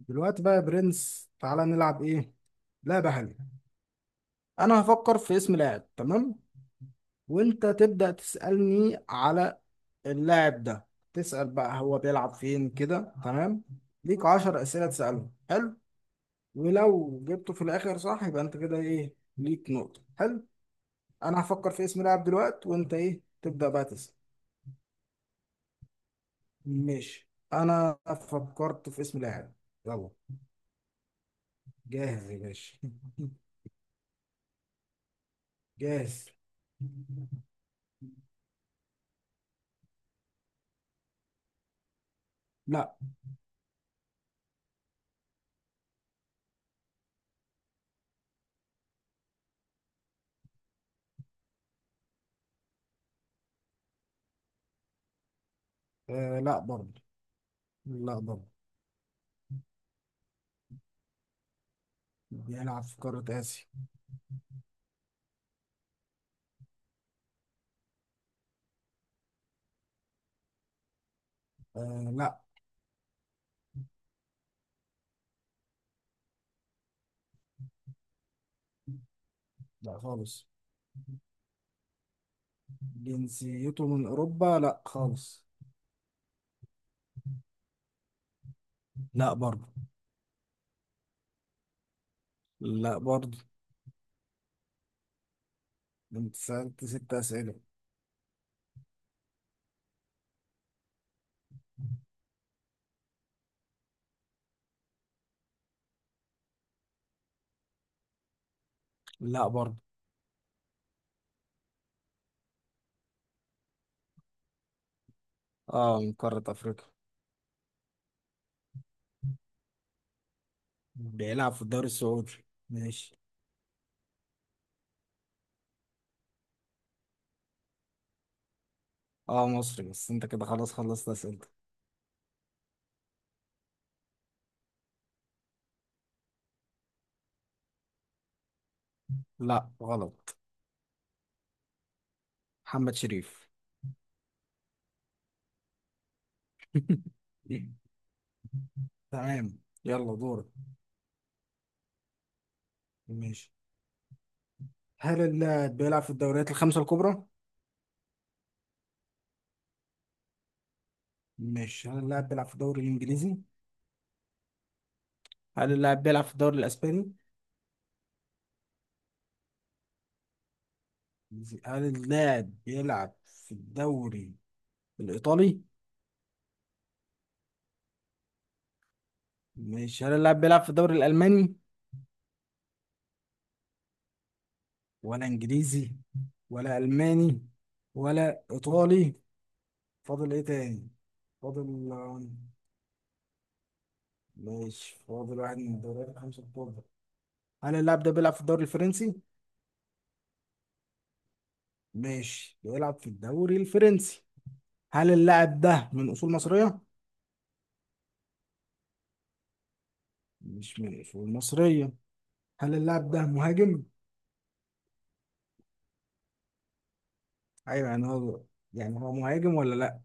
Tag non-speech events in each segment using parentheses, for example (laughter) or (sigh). دلوقتي بقى يا برنس، تعالى نلعب ايه. لعبة حلوة. انا هفكر في اسم لاعب، تمام؟ وانت تبدأ تسألني على اللاعب ده. تسأل بقى هو بيلعب فين كده، تمام؟ ليك عشر أسئلة تسألهم. حلو. ولو جبته في الآخر صح يبقى انت كده ايه، ليك نقطة. حلو. انا هفكر في اسم لاعب دلوقتي وانت تبدأ بقى تسأل. ماشي، انا فكرت في اسم لاعب. يلا. جاهز يا باشا. (laughs) جاهز. لا. آه، لا برضه. لا برضه. بيلعب في قارة آسيا. آه، لا. لا خالص. جنسيته من أوروبا لا خالص. لا برضه. لا برضه. انت سألت ست أسئلة. لا برضه. اه، من قارة أفريقيا. بيلعب في الدوري السعودي. ماشي. اه مصري، بس انت كده خلاص خلصت أسئلتك. لا غلط. محمد شريف. (laughs) تمام. يلا دورك. ماشي، هل اللاعب بيلعب في الدوريات الخمسة الكبرى؟ ماشي، هل اللاعب بيلعب في الدوري الإنجليزي؟ هل اللاعب بيلعب في الدوري الإسباني؟ هل اللاعب بيلعب في الدوري الإيطالي؟ مش، هل اللاعب بيلعب في الدوري الألماني ولا إنجليزي ولا ألماني ولا إيطالي؟ فاضل إيه تاني؟ فاضل. ماشي، فاضل واحد من الدوريات الخمسة الكبرى. هل اللاعب ده بيلعب في الدوري الفرنسي؟ ماشي، بيلعب في الدوري الفرنسي. هل اللاعب ده من أصول مصرية؟ مش من أصول مصرية. هل اللاعب ده مهاجم؟ أيوه، يعني هو، يعني هو مهاجم ولا لأ؟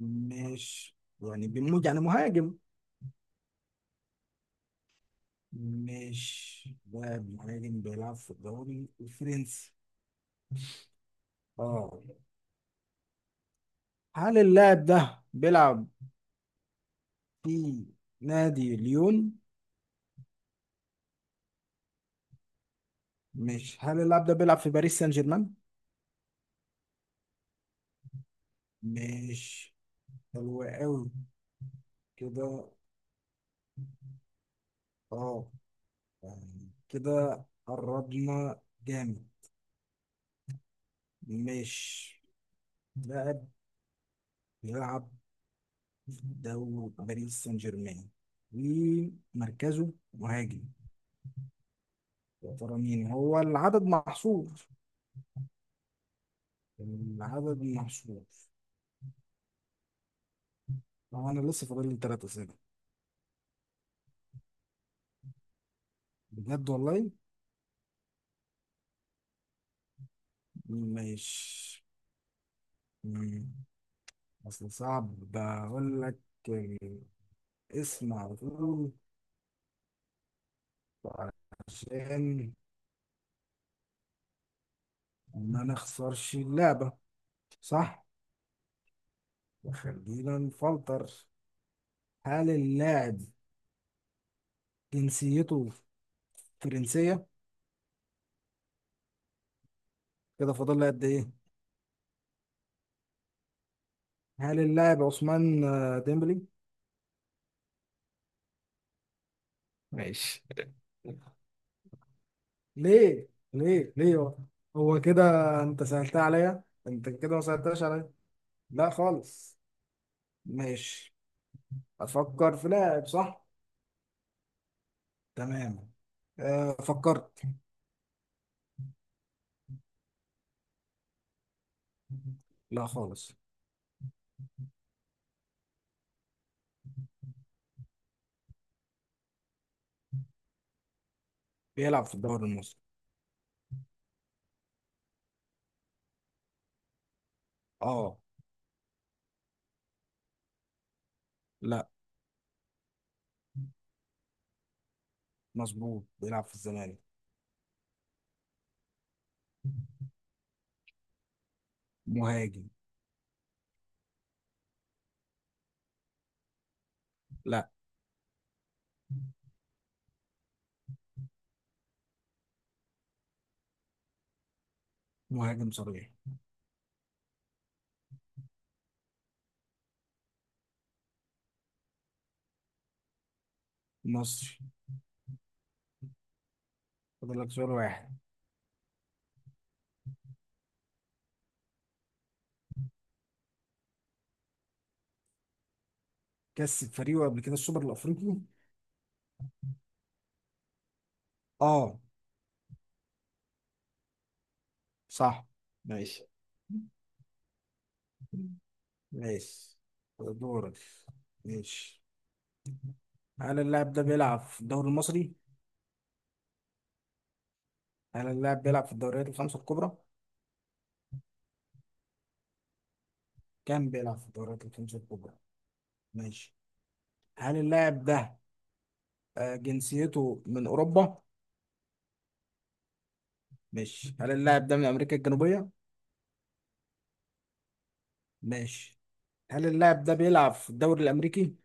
مش، يعني بيموت يعني مهاجم. مش لاعب مهاجم بيلعب في الدوري الفرنسي. اه. هل اللاعب ده بيلعب في نادي ليون؟ مش، هل اللاعب ده بيلعب في باريس سان جيرمان؟ مش. حلو قوي. كده. اه، يعني كده قربنا جامد. مش لاعب بيلعب في دوري باريس سان جيرمان ومركزه مهاجم. يا ترى مين هو؟ العدد محصور. العدد محصور. طبعا انا لسه فاضل لي ثلاث اسئله. بجد والله. ماشي. مم. اصل صعب، بقول لك اسم على طول عشان ما نخسرش اللعبه. صح. وخلينا نفلتر. هل اللاعب جنسيته فرنسيه؟ كده فاضل لي قد ايه؟ هل اللاعب عثمان ديمبلي؟ ماشي. ليه؟ ليه هو؟ هو كده. انت سهلتها عليا؟ انت كده ما سهلتهاش عليا. لا خالص. ماشي. افكر في لاعب، صح؟ تمام. أه، فكرت. لا خالص. بيلعب في الدوري المصري. اه. لا. مظبوط، بيلعب في الزمالك. مهاجم. لا. مهاجم صريح. مصري. فاضل لك سؤال واحد. كسب فريقه قبل كده السوبر الافريقي. اه. صح. ماشي. ماشي دورك. ماشي، هل اللاعب ده بيلعب في الدوري المصري؟ هل اللاعب بيلعب في الدوريات الخمسة الكبرى؟ كان بيلعب في الدوريات الخمسة الكبرى. ماشي، هل اللاعب ده جنسيته من أوروبا؟ ماشي، هل اللاعب ده من أمريكا الجنوبية؟ ماشي، هل اللاعب ده بيلعب في الدوري الأمريكي؟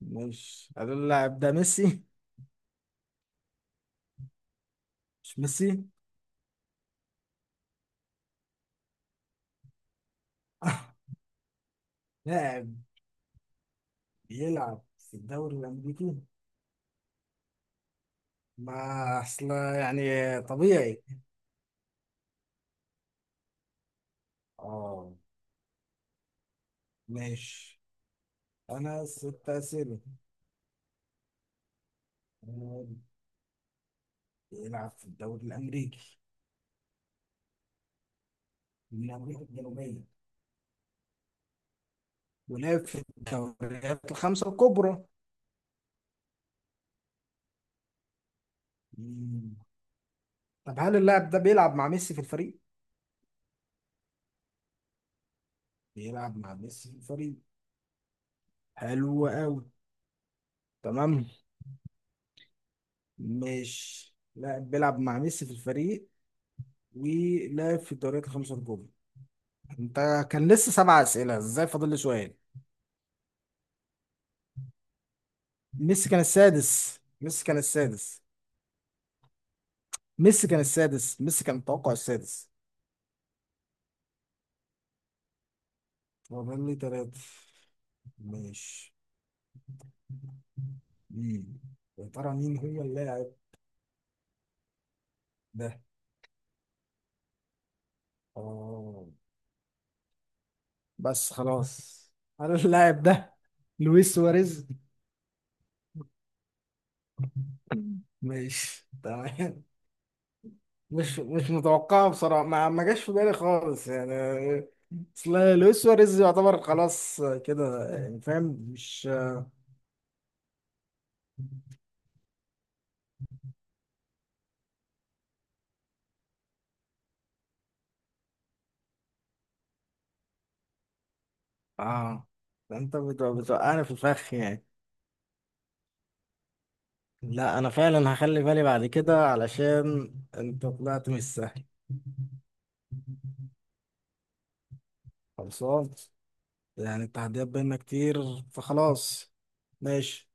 ماشي، هل اللاعب ده ميسي؟ مش ميسي؟ (laughs) لاعب بيلعب في الدوري الأمريكي؟ ما أصل يعني طبيعي. اه. ماشي، أنا ست أسئلة. بيلعب في الدوري الأمريكي، من أمريكا الجنوبية، ولعب في الدوريات الخمسة الكبرى. مم. طب هل اللاعب ده بيلعب مع ميسي في الفريق؟ بيلعب مع ميسي في الفريق. حلو أوي. تمام. مش لاعب بيلعب مع ميسي في الفريق ولعب في الدوريات الخمسة الكبرى. أنت، كان لسه سبع أسئلة، إزاي فاضل لي سؤال؟ ميسي كان السادس، ميسي كان السادس، ميسي كان السادس، ميسي كان التوقع السادس. فاضل لي تلاتة. ماشي. مين يا ترى مين هو اللاعب ده. اه بس خلاص. (laughs) انا اللاعب ده لويس سواريز. ماشي، تمام. مش متوقعه بصراحه، ما جاش في بالي خالص يعني. اصل لويس سواريز يعتبر خلاص كده، يعني فاهم؟ مش. اه. ده انت بتوقعني في الفخ يعني. لا انا فعلا هخلي بالي بعد كده علشان انت طلعت مش سهل. خلصان. يعني التحديات بينا كتير. فخلاص. ماشي.